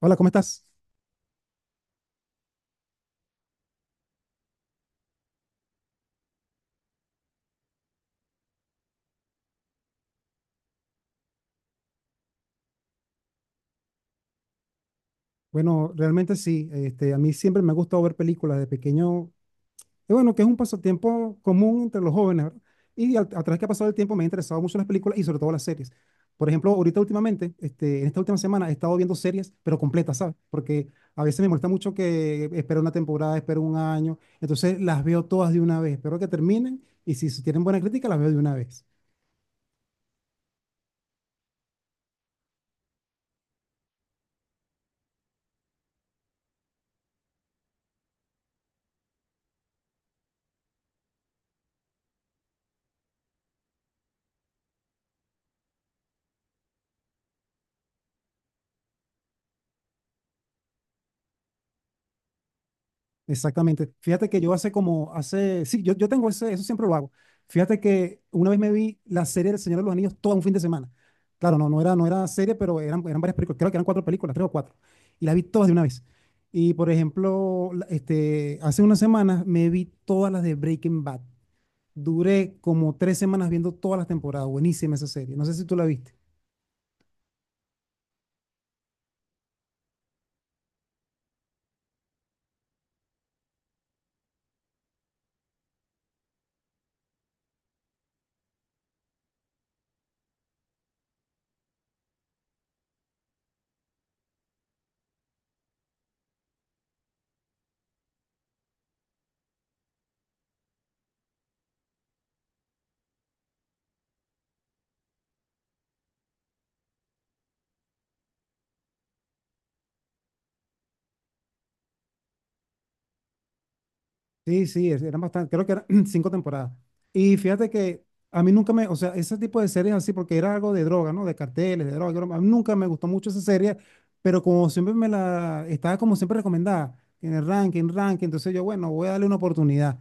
Hola, ¿cómo estás? Bueno, realmente sí, a mí siempre me ha gustado ver películas de pequeño, y bueno, que es un pasatiempo común entre los jóvenes, ¿verdad? Y a través que ha pasado el tiempo me han interesado mucho las películas y sobre todo las series. Por ejemplo, ahorita últimamente, en esta última semana he estado viendo series, pero completas, ¿sabes? Porque a veces me molesta mucho que espero una temporada, espero un año, entonces las veo todas de una vez, espero que terminen y si tienen buena crítica las veo de una vez. Exactamente. Fíjate que yo sí, yo tengo eso siempre lo hago. Fíjate que una vez me vi la serie del Señor de los Anillos todo un fin de semana. Claro, no, no era serie, pero eran varias películas, creo que eran cuatro películas, tres o cuatro. Y las vi todas de una vez. Y por ejemplo, hace unas semanas me vi todas las de Breaking Bad. Duré como 3 semanas viendo todas las temporadas. Buenísima esa serie. No sé si tú la viste. Sí, sí, eran bastante, creo que eran cinco temporadas. Y fíjate que a mí nunca me, o sea, ese tipo de series así, porque era algo de droga, ¿no? De carteles, de droga. Broma. A mí nunca me gustó mucho esa serie, pero como siempre estaba como siempre recomendada, en el ranking, ranking, entonces yo, bueno, voy a darle una oportunidad.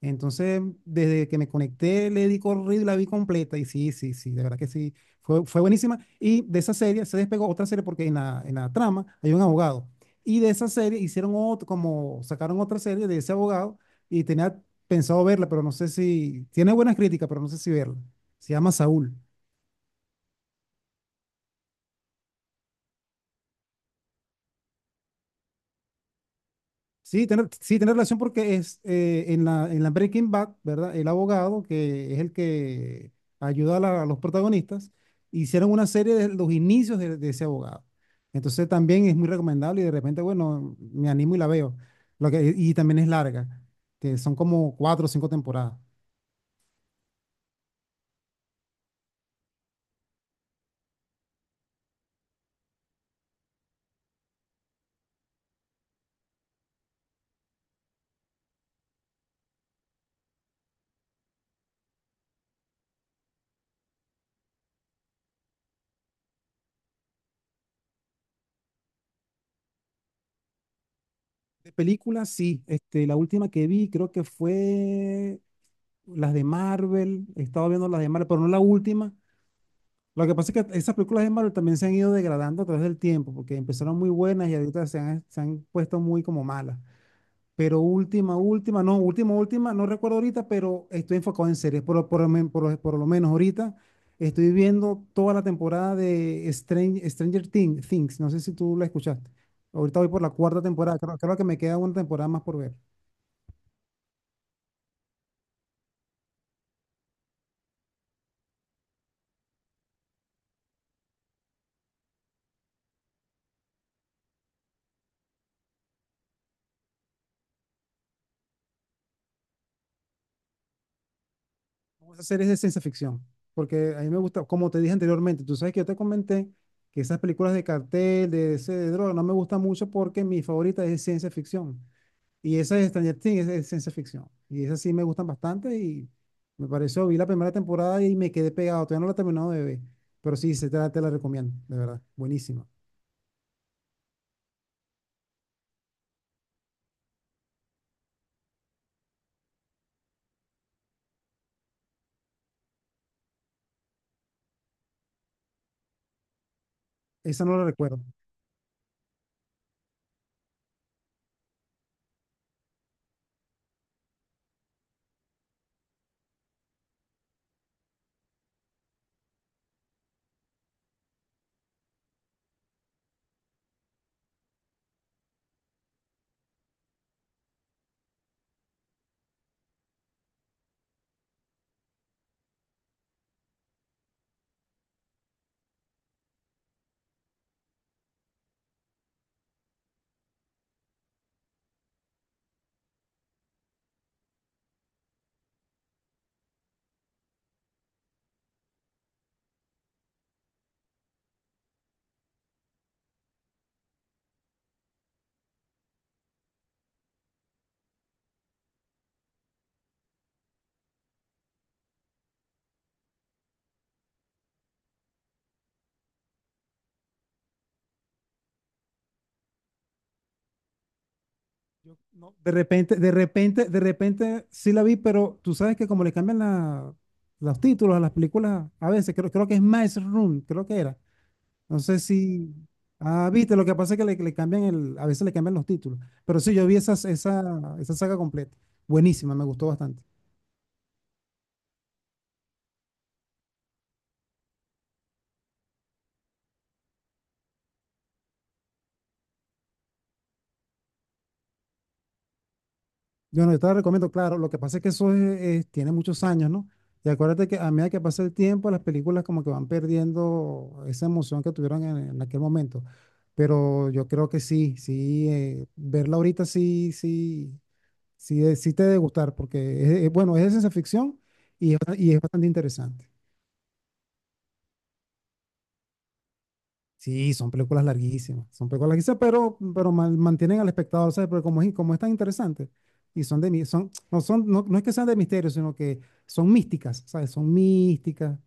Entonces, desde que me conecté, le di corrido y la vi completa. Y sí, sí, sí, de verdad que sí, fue buenísima. Y de esa serie se despegó otra serie porque en la trama hay un abogado. Y de esa serie hicieron otro, como sacaron otra serie de ese abogado y tenía pensado verla, pero no sé si, tiene buenas críticas, pero no sé si verla. Se llama Saúl. Sí, tiene relación porque es en la Breaking Bad, ¿verdad? El abogado, que es el que ayuda a los protagonistas, hicieron una serie de los inicios de ese abogado. Entonces también es muy recomendable y de repente, bueno, me animo y la veo. Y también es larga, que son como cuatro o cinco temporadas. De películas, sí. La última que vi creo que fue las de Marvel, he estado viendo las de Marvel, pero no la última. Lo que pasa es que esas películas de Marvel también se han ido degradando a través del tiempo, porque empezaron muy buenas y ahorita se han puesto muy como malas. Pero última, última, no recuerdo ahorita, pero estoy enfocado en series. Por, lo men- por lo menos ahorita estoy viendo toda la temporada de Stranger Things. No sé si tú la escuchaste. Ahorita voy por la cuarta temporada. Creo que me queda una temporada más por ver. Vamos a hacer es de ciencia ficción, porque a mí me gusta, como te dije anteriormente, tú sabes que yo te comenté que esas películas de cartel, de droga, no me gustan mucho porque mi favorita es de ciencia ficción. Y esa de Stranger Things es de ciencia ficción. Y esas sí me gustan bastante y me pareció, vi la primera temporada y me quedé pegado, todavía no la he terminado de ver, pero sí, se te la recomiendo, de verdad, buenísima. Esa no la recuerdo. Yo, no, de repente sí la vi, pero tú sabes que como le cambian los títulos a las películas, a veces creo que es Maze Room, creo que era. No sé si... Ah, viste, lo que pasa es que le cambian el, a veces le cambian los títulos. Pero sí, yo vi esa saga completa. Buenísima, me gustó bastante. Yo, no, yo te la recomiendo, claro, lo que pasa es que eso tiene muchos años, ¿no? Y acuérdate que a medida que pasa el tiempo, las películas como que van perdiendo esa emoción que tuvieron en aquel momento. Pero yo creo que sí, sí, verla ahorita sí, sí, sí, sí te debe gustar, porque bueno, es de ciencia ficción y es bastante interesante. Sí, son películas larguísimas, pero mantienen al espectador, ¿sabes? Porque como es tan interesante, y son son, no, no es que sean de misterio, sino que son místicas, ¿sabes? Son místicas,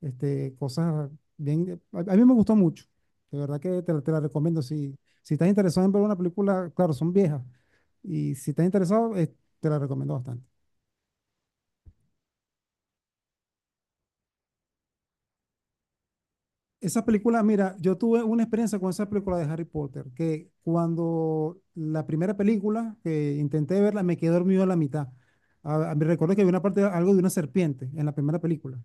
cosas bien, a mí me gustó mucho, de verdad que te la recomiendo, si, si estás interesado en ver una película, claro, son viejas, y si estás interesado, te la recomiendo bastante. Esa película, mira, yo tuve una experiencia con esa película de Harry Potter, que cuando la primera película que intenté verla, me quedé dormido a la mitad. Me recuerdo que había una parte, algo de una serpiente en la primera película.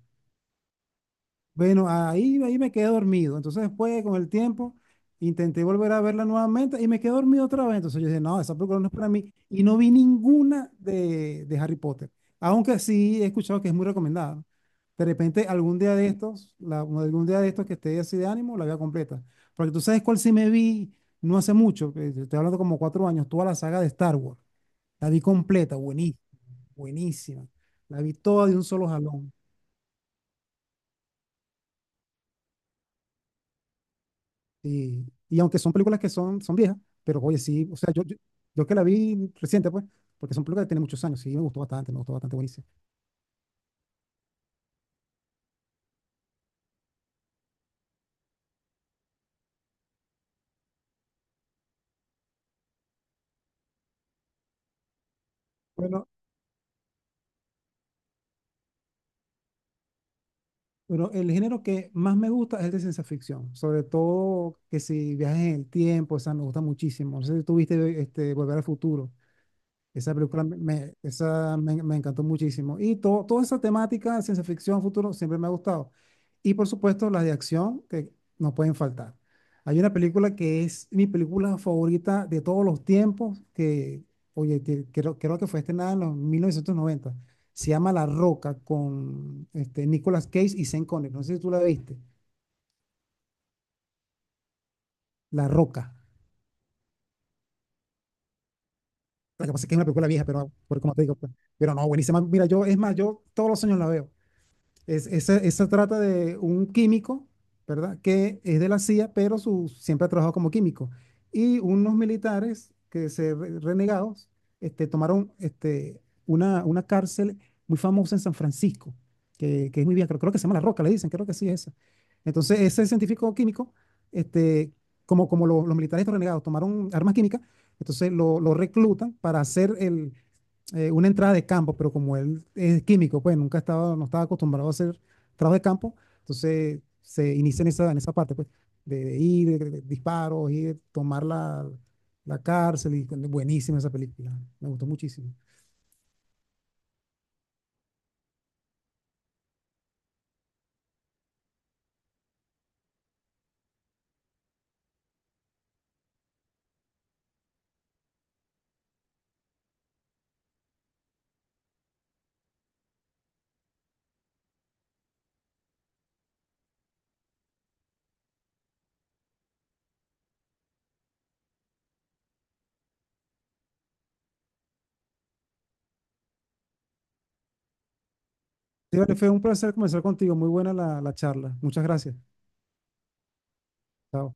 Bueno, ahí me quedé dormido. Entonces después, con el tiempo, intenté volver a verla nuevamente y me quedé dormido otra vez. Entonces yo dije, no, esa película no es para mí. Y no vi ninguna de Harry Potter. Aunque sí he escuchado que es muy recomendada, ¿no? De repente, algún día de estos, que esté así de ánimo, la veo completa. Porque tú sabes cuál sí me vi no hace mucho, que te estoy hablando como 4 años, toda la saga de Star Wars. La vi completa, buenísima, buenísima. La vi toda de un solo jalón. Y aunque son películas que son viejas, pero oye, sí, o sea, yo que la vi reciente, pues, porque son películas que tienen muchos años, sí, me gustó bastante, buenísimo. Bueno, pero el género que más me gusta es el de ciencia ficción, sobre todo que si viajes en el tiempo, o sea, me gusta muchísimo. No sé si tuviste Volver al Futuro. Esa película me encantó muchísimo. Y toda esa temática de ciencia ficción, futuro, siempre me ha gustado. Y por supuesto, las de acción que no pueden faltar. Hay una película que es mi película favorita de todos los tiempos, oye, creo que fue estrenada en los 1990. Se llama La Roca con Nicolas Cage y Sean Connery. No sé si tú la viste. La Roca. Lo que pasa es que es una película vieja, pero como te digo, pues, pero no, buenísima. Mira, yo, es más, yo todos los años la veo. Esa trata de un químico, ¿verdad? Que es de la CIA, pero su, siempre ha trabajado como químico. Y unos militares que se renegados tomaron una cárcel muy famosa en San Francisco, que es muy vieja, creo que se llama La Roca, le dicen, creo que sí es esa. Entonces, ese científico químico, este, como los militares estos renegados tomaron armas químicas, entonces lo reclutan para hacer una entrada de campo, pero como él es químico, pues nunca estaba, no estaba acostumbrado a hacer trabajo de campo, entonces se inicia en en esa parte, pues, de ir, de disparos, ir, tomar la cárcel, y buenísima esa película, me gustó muchísimo. Sí, vale, fue un placer conversar contigo, muy buena la charla, muchas gracias. Chao.